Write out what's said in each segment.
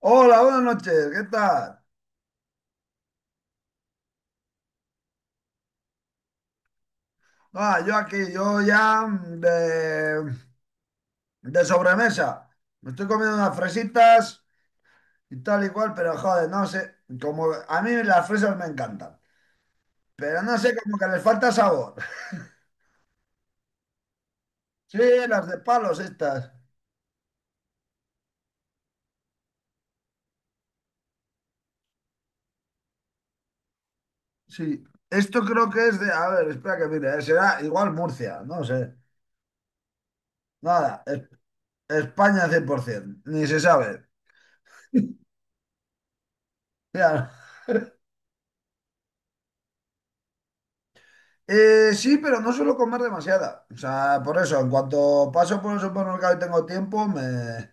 Hola, buenas noches, ¿qué tal? Ah, yo aquí, yo ya de sobremesa. Me estoy comiendo unas fresitas y tal y cual, pero joder, no sé, como a mí las fresas me encantan, pero no sé, como que les falta sabor. Sí, las de palos estas. Sí, esto creo que es de, a ver, espera que mire, será igual Murcia, no sé. Nada, España 100%, ni se sabe. Sí, pero no suelo comer demasiada. O sea, por eso, en cuanto paso por el supermercado y tengo tiempo, me,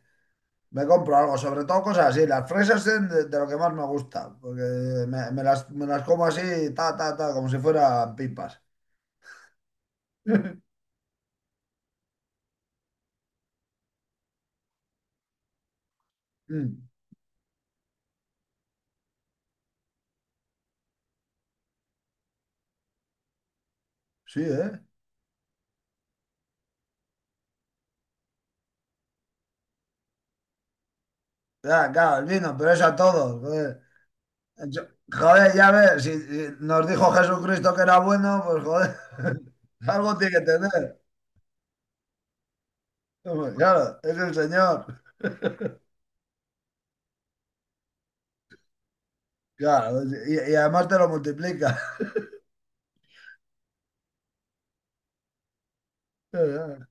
me compro algo. Sobre todo cosas así. Las fresas son de lo que más me gusta. Porque me las como así, ta, ta, ta, como si fueran pipas. Mm, sí, ¿eh? Ya, claro, el vino, pero eso a todos. Joder, joder, ya ves, si nos dijo Jesucristo que era bueno, pues joder, algo tiene que tener. Hombre, claro, es el Señor. Claro, y, además te lo multiplica. Eh,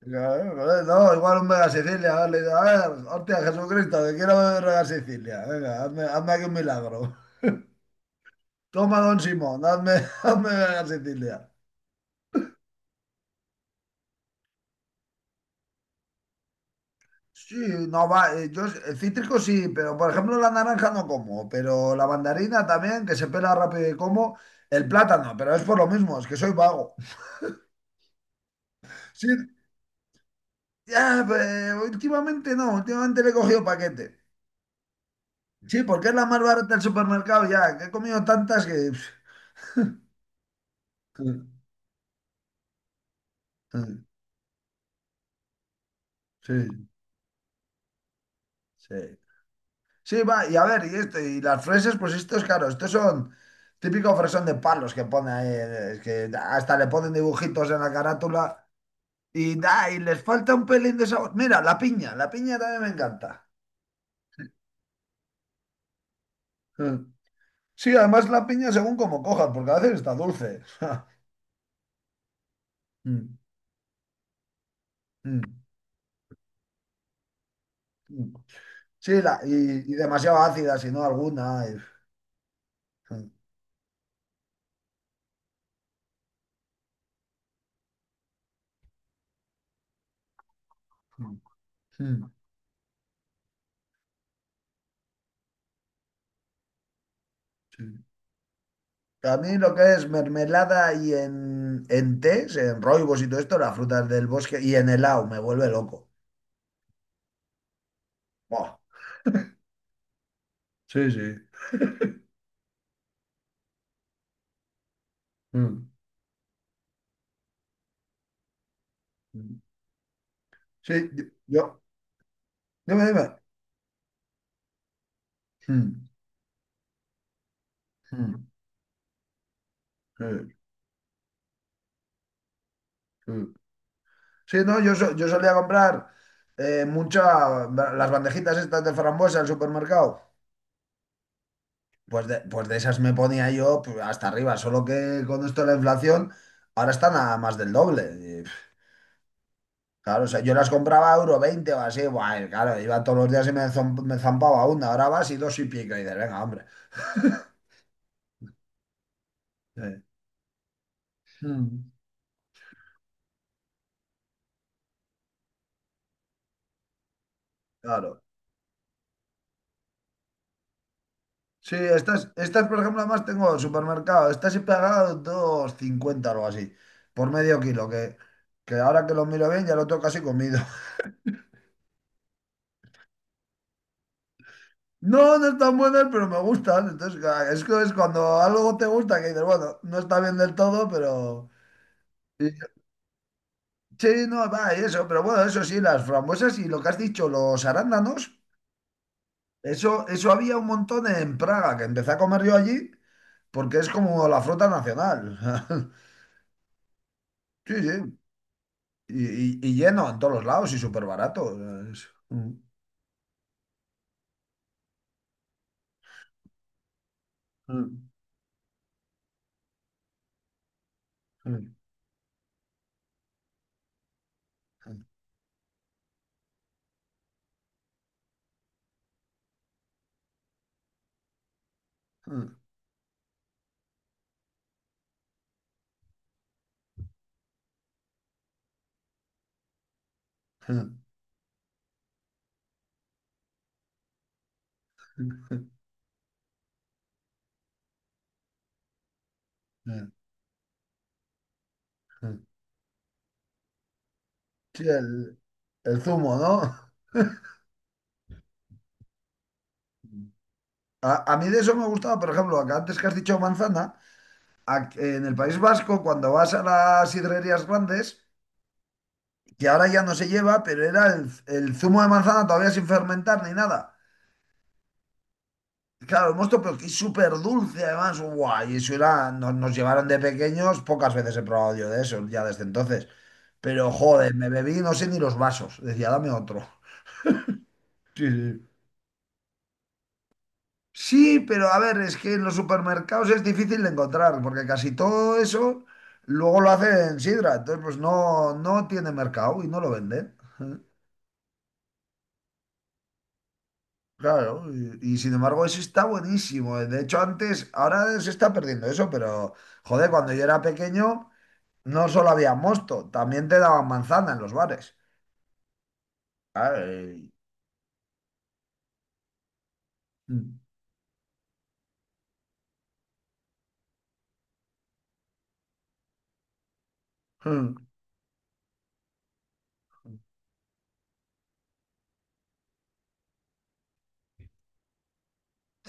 claro, joder, no, igual un Mega Sicilia, a ver, le digo, a ver, hostia, Jesucristo, que quiero beber Mega Sicilia, venga, hazme, hazme aquí un milagro. Toma, don Simón, hazme, hazme Mega Sicilia. Sí, no va, yo cítrico sí, pero por ejemplo la naranja no como, pero la mandarina también, que se pela rápido y como, el plátano, pero es por lo mismo, es que soy vago. Sí, ya, pues, últimamente no, últimamente le he cogido paquete. Sí, porque es la más barata del supermercado ya, que he comido tantas que... Sí, sí. Sí, va, y a ver, y esto, y las fresas pues estos, claro, estos son típico fresón de palos que pone ahí, es que hasta le ponen dibujitos en la carátula y les falta un pelín de sabor. Mira, la piña también me encanta. Mm. Sí, además la piña según como cojas, porque a veces está dulce. Mm, mm, mm. Sí, y demasiado ácida, si no alguna. Mm, mm, sí. A mí lo que es mermelada y en tés, en roibos y todo esto, las frutas del bosque y en helado, me vuelve loco. Buah. Sí, sí. Mm. Mm. Sí, yo. Dime, dime. Mm, mm, sí, sí. Sí, no, yo solía comprar mucha, las bandejitas estas de frambuesa al supermercado. Pues de esas me ponía yo pues, hasta arriba, solo que con esto de la inflación, ahora están a más del doble. Claro, o sea, yo las compraba a 1,20 € o así, guay, claro, iba todos los días y me zampaba una, ahora vas y dos y pico, y dices, venga, hombre. Sí. Mm, claro. Sí, estas, por ejemplo, además tengo el supermercado, estas he pagado 2,50 o algo así, por medio kilo, que ahora que lo miro bien ya lo tengo casi comido. No, no están buenas, pero me gustan, entonces ca- es que es cuando algo te gusta que dices, bueno, no está bien del todo, pero... Sí, no, va, y eso, pero bueno, eso sí, las frambuesas y lo que has dicho, los arándanos. Eso había un montón en Praga, que empecé a comer yo allí, porque es como la fruta nacional. Sí, sí. Y lleno en todos los lados y súper barato. Sí, el zumo, ¿no? A mí de eso me gustaba, por ejemplo, que antes que has dicho manzana, en el País Vasco, cuando vas a las sidrerías grandes, que ahora ya no se lleva, pero era el zumo de manzana todavía sin fermentar ni nada. Claro, el mosto, pero que es súper dulce además. Guay, eso era, nos llevaron de pequeños, pocas veces he probado yo de eso, ya desde entonces. Pero joder, me bebí no sé ni los vasos. Decía, dame otro. Sí, sí. Sí, pero a ver, es que en los supermercados es difícil de encontrar, porque casi todo eso luego lo hacen sidra. Entonces, pues no, no tiene mercado y no lo venden. Claro, y sin embargo eso está buenísimo. De hecho, antes, ahora se está perdiendo eso, pero joder, cuando yo era pequeño... No solo había mosto, también te daban manzana en los bares. Ay. Mm.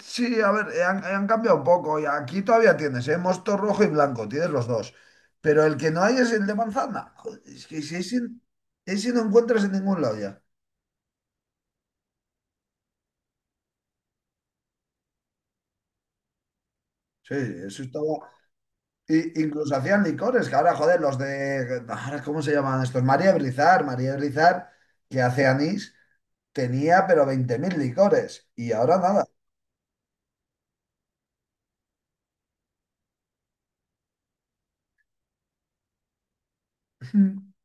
Sí, a ver, han cambiado un poco. Y aquí todavía tienes, ¿eh? Mosto rojo y blanco, tienes los dos. Pero el que no hay es el de manzana. Joder, es que si ese, ese no encuentras en ningún lado ya. Sí, eso estaba. Y incluso hacían licores, que ahora, joder, los de. Ahora, ¿cómo se llaman estos? María Brizar, María Brizar, que hace anís, tenía pero 20.000 licores. Y ahora nada.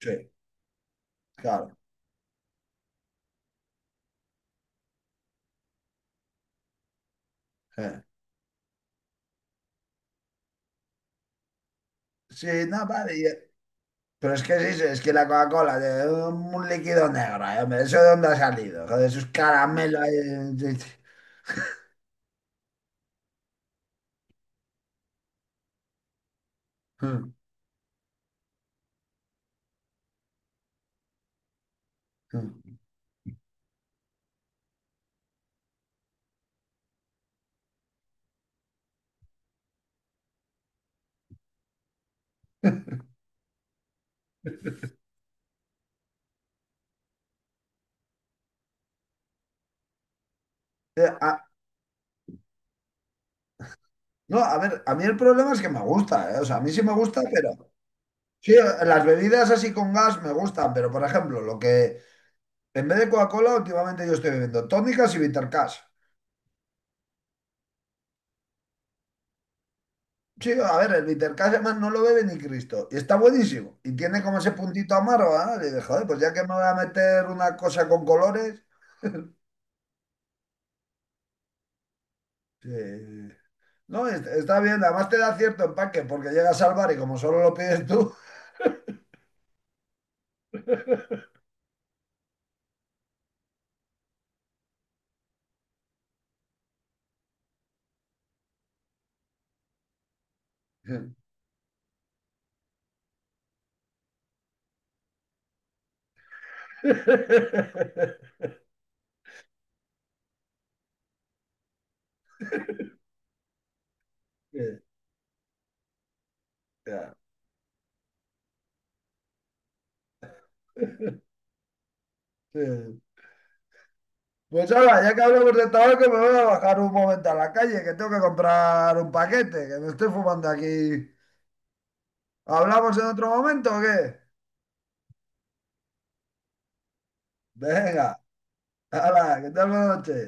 Sí, claro. Sí, sí, no, vale. Pero es que sí, sí, es que la Coca-Cola, de un líquido negro, hombre, ¿eso de dónde ha salido? Joder, esos caramelos. Ahí, eh, eh, ah, no, a ver, a mí el problema es que me gusta, o sea, a mí sí me gusta, pero... Sí, las bebidas así con gas me gustan, pero por ejemplo, lo que... En vez de Coca-Cola, últimamente yo estoy bebiendo tónicas y Bitter Cash. Sí, a ver, el Bitter Cash además no lo bebe ni Cristo. Y está buenísimo. Y tiene como ese puntito amargo, ¿eh? Y dije, joder, pues ya que me voy a meter una cosa con colores... Sí, sí. No, está bien, además te da cierto empaque porque llegas al bar y como solo lo pides tú. Sí, ya, sí. Pues ahora, ya que hablamos de tabaco, me voy a bajar un momento a la calle, que tengo que comprar un paquete, que me estoy fumando aquí. ¿Hablamos en otro momento o qué? Venga, hala, que tal buena noche.